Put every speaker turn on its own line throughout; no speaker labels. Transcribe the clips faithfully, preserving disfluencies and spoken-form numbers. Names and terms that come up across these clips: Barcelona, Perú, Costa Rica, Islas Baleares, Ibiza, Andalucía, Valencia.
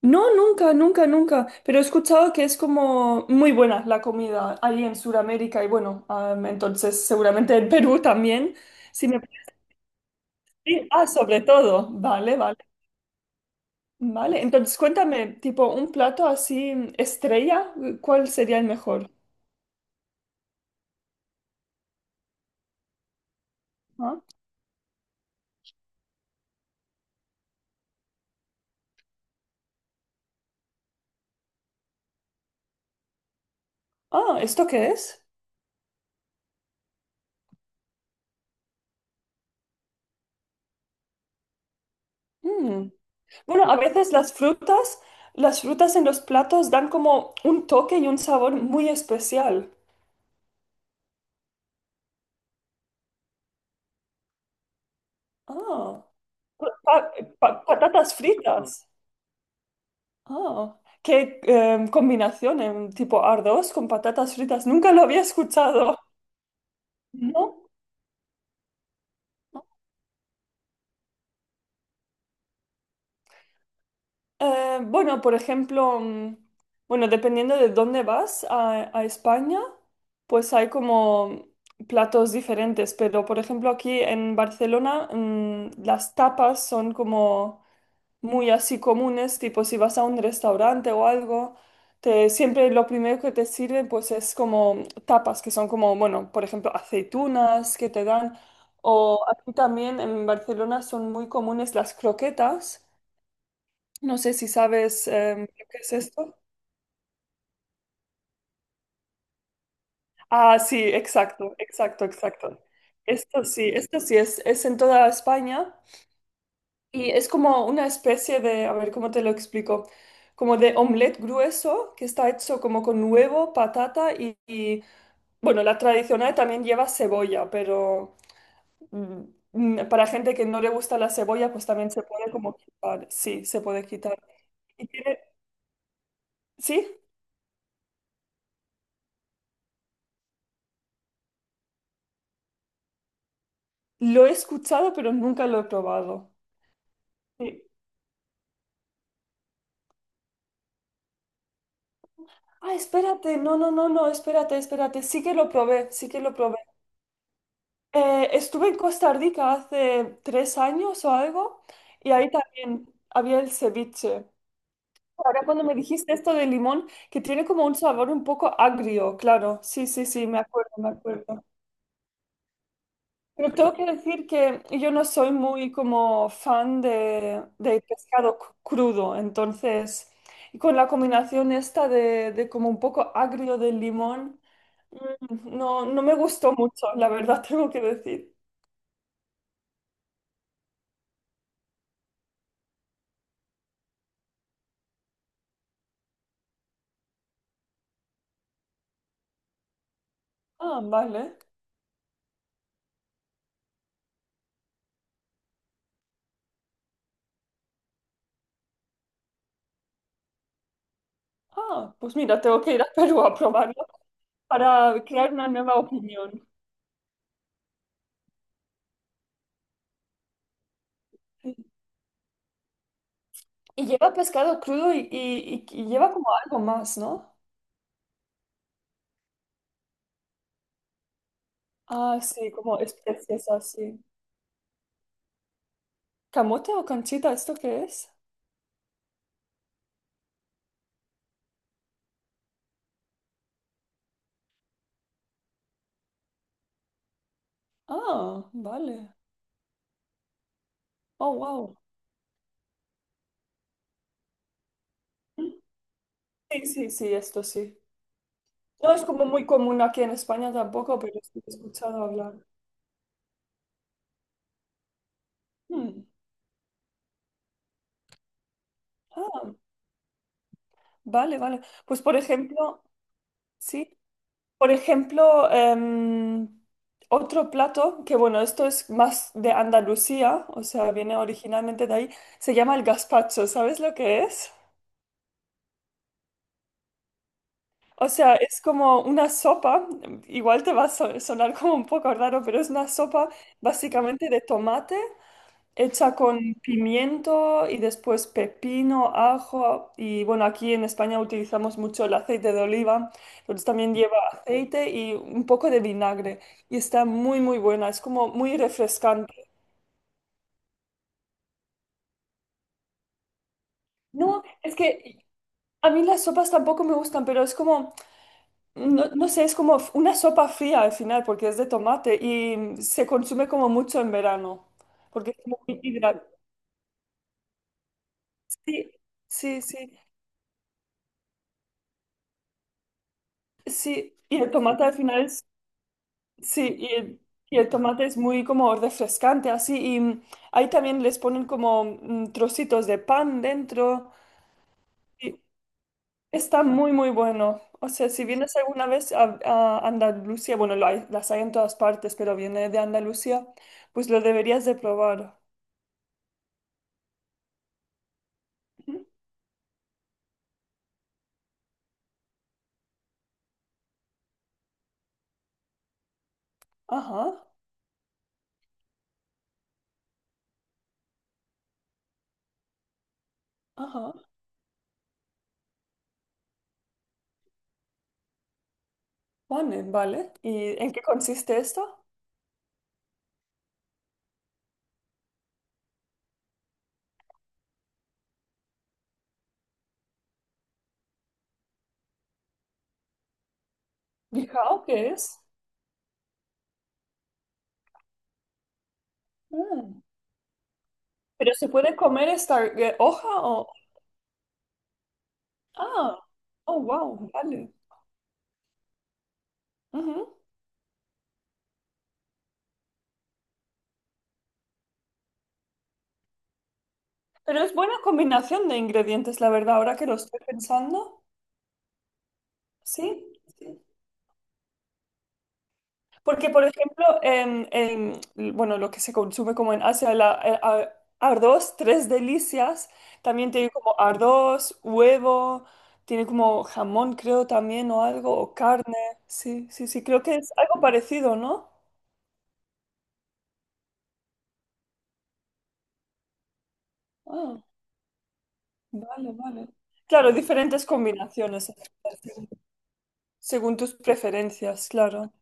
No, nunca, nunca, nunca. Pero he escuchado que es como muy buena la comida ahí en Sudamérica y bueno, am, entonces seguramente en Perú también. Si me... Sí, ah, sobre todo. Vale, vale, vale. Entonces cuéntame, tipo un plato así estrella, ¿cuál sería el mejor? Ah, ah, ¿esto qué es? Mm. Bueno, a veces las frutas, las frutas en los platos dan como un toque y un sabor muy especial. Ah, pa- pa- patatas fritas. Ah, qué em, combinación em, tipo arroz con patatas fritas. Nunca lo había escuchado. ¿No? Eh, bueno, por ejemplo, mm, bueno, dependiendo de dónde vas a, a España, pues hay como platos diferentes. Pero, por ejemplo, aquí en Barcelona, mm, las tapas son como muy así comunes, tipo si vas a un restaurante o algo, te, siempre lo primero que te sirven pues es como tapas, que son como, bueno, por ejemplo, aceitunas que te dan, o aquí también en Barcelona son muy comunes las croquetas, no sé si sabes em, lo que es esto. Ah, sí, exacto, exacto, exacto. Esto sí, esto sí es, es en toda España. Y es como una especie de, a ver, ¿cómo te lo explico? Como de omelette grueso que está hecho como con huevo, patata y, y, bueno, la tradicional también lleva cebolla, pero mm, mm, para gente que no le gusta la cebolla, pues también se puede como quitar. Sí, se puede quitar. Y tiene, sí, lo he escuchado, pero nunca lo he probado. Sí. Ah, espérate, no, no, no, no, espérate, espérate. Sí que lo probé, sí que lo probé. Eh, estuve en Costa Rica hace tres años o algo y ahí también había el ceviche. Ahora cuando me dijiste esto de limón, que tiene como un sabor un poco agrio, claro. Sí, sí, sí, me acuerdo, me acuerdo. Pero tengo que decir que yo no soy muy como fan de, de pescado cru- crudo, entonces, y con la combinación esta de, de como un poco agrio del limón, mm, no, no me gustó mucho, la verdad tengo que decir. Ah, vale. Ah, pues mira, tengo que ir a Perú a probarlo para crear una nueva opinión. Y lleva pescado crudo y, y- y- y lleva como algo más, ¿no? Ah, sí, como especies así. ¿Camote o canchita? ¿Esto qué es? Ah, vale. Oh, wow. Sí, sí, sí, esto sí. No es como muy común aquí en España tampoco, pero sí he escuchado hablar. Hmm. Ah, vale, vale. Pues por ejemplo, sí. Por ejemplo, em, otro plato, que bueno, esto es más de Andalucía, o sea, viene originalmente de ahí, se llama el gazpacho, ¿sabes lo que es? O sea, es como una sopa, igual te va a so- sonar como un poco raro, pero es una sopa básicamente de tomate, hecha con pimiento y después pepino, ajo y bueno, aquí en España utilizamos mucho el aceite de oliva, entonces también lleva aceite y un poco de vinagre y está muy muy buena, es como muy refrescante. No, es que a mí las sopas tampoco me gustan, pero es como, no, no sé, es como una sopa fría al final porque es de tomate y se consume como mucho en verano porque es muy hidratante. Sí, sí, sí. Sí, y el tomate al final es sí, y el, y el tomate es muy como refrescante, así. Y mm, ahí también les ponen como mm, trocitos de pan dentro. Y está muy, muy bueno. O sea, si vienes alguna vez a, a Andalucía, bueno, lo hay- las hay en todas partes, pero viene de Andalucía, pues lo deberías de probar. Ujú. Ajá, ajá. Vale, vale. ¿Y en qué consiste esto? ¿Bijao qué es? Mm. ¿Pero se puede comer esta eh, hoja o...? Ah, oh, wow, vale. Ujú. Pero es buena combinación de ingredientes, la verdad, ahora que lo estoy pensando. Sí, sí. Porque, por ejemplo, en, en, bueno, lo que se consume como en Asia, la, el a- arroz, tres delicias, también tiene como arroz, huevo, tiene como jamón, creo también, o algo, o carne. Sí, sí, sí, creo que es algo parecido, ¿no? Ah, vale, vale. Claro, diferentes combinaciones, según tus preferencias, claro.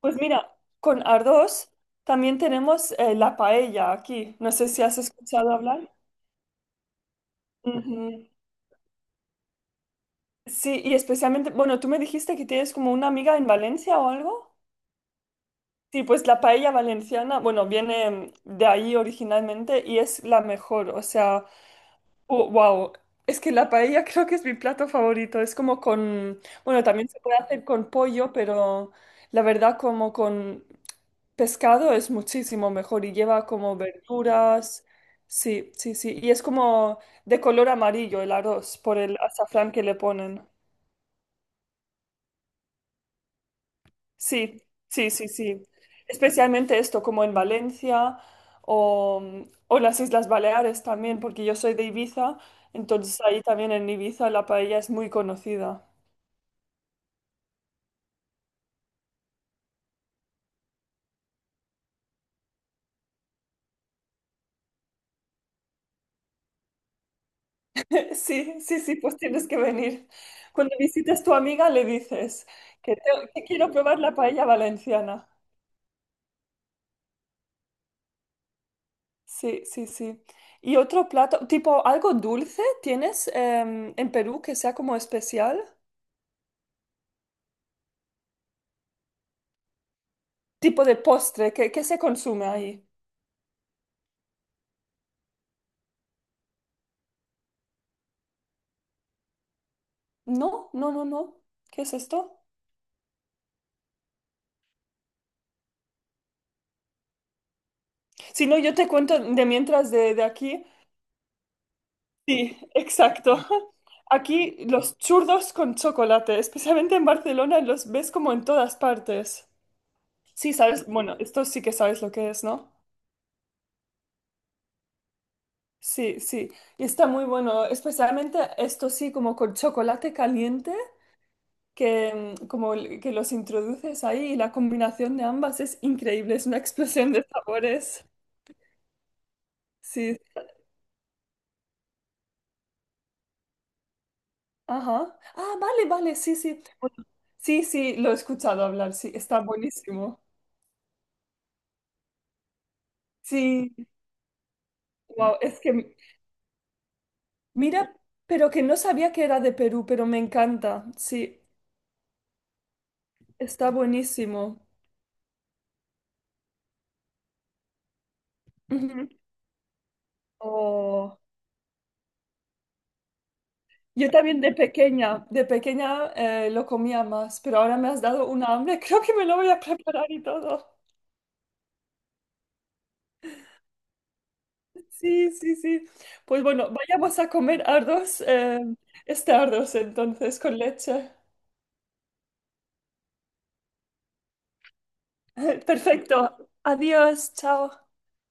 Pues mira, con arroz también tenemos eh, la paella aquí. No sé si has escuchado hablar. Ujú. Sí, y especialmente, bueno, tú me dijiste que tienes como una amiga en Valencia o algo. Sí, pues la paella valenciana, bueno, viene mm, de ahí originalmente y es la mejor. O sea, wow. Es que la paella creo que es mi plato favorito. Es como con, bueno, también se puede hacer con pollo, pero la verdad como con pescado es muchísimo mejor y lleva como verduras. Sí, sí, sí. Y es como de color amarillo el arroz por el azafrán que le ponen. Sí, sí, sí, sí. Especialmente esto, como en Valencia o, mm, o las Islas Baleares también, porque yo soy de Ibiza, entonces ahí también en Ibiza la paella es muy conocida. Sí, sí, sí, pues tienes que venir. Cuando visites tu amiga le dices que, te- que quiero probar la paella valenciana. Sí, sí, sí. ¿Y otro plato, tipo algo dulce tienes em, en Perú que sea como especial? Tipo de postre, ¿qué, qué se consume ahí? No, no, no, no. ¿Qué es esto? Si no, yo te cuento de mientras de, de aquí. Sí, exacto. Aquí los churros con chocolate, especialmente en Barcelona, los ves como en todas partes. Sí, sabes, bueno, esto sí que sabes lo que es, ¿no? Sí, sí. Y está muy bueno, especialmente esto sí, como con chocolate caliente, que mm, como el- que los introduces ahí y la combinación de ambas es increíble, es una explosión de sabores. Sí, ajá. Ah, vale, vale, sí, sí. Bueno, sí, sí, lo he escuchado hablar, sí, está buenísimo. Sí, wow, es que mira, pero que no sabía que era de Perú, pero me encanta, sí, está buenísimo. Ujú. Oh. Yo también de pequeña, de pequeña eh, lo comía más, pero ahora me has dado una hambre, creo que me lo voy a preparar y todo. Sí, sí, sí. Pues bueno, vayamos a comer arroz, eh, este arroz entonces con leche. Perfecto. Adiós, chao.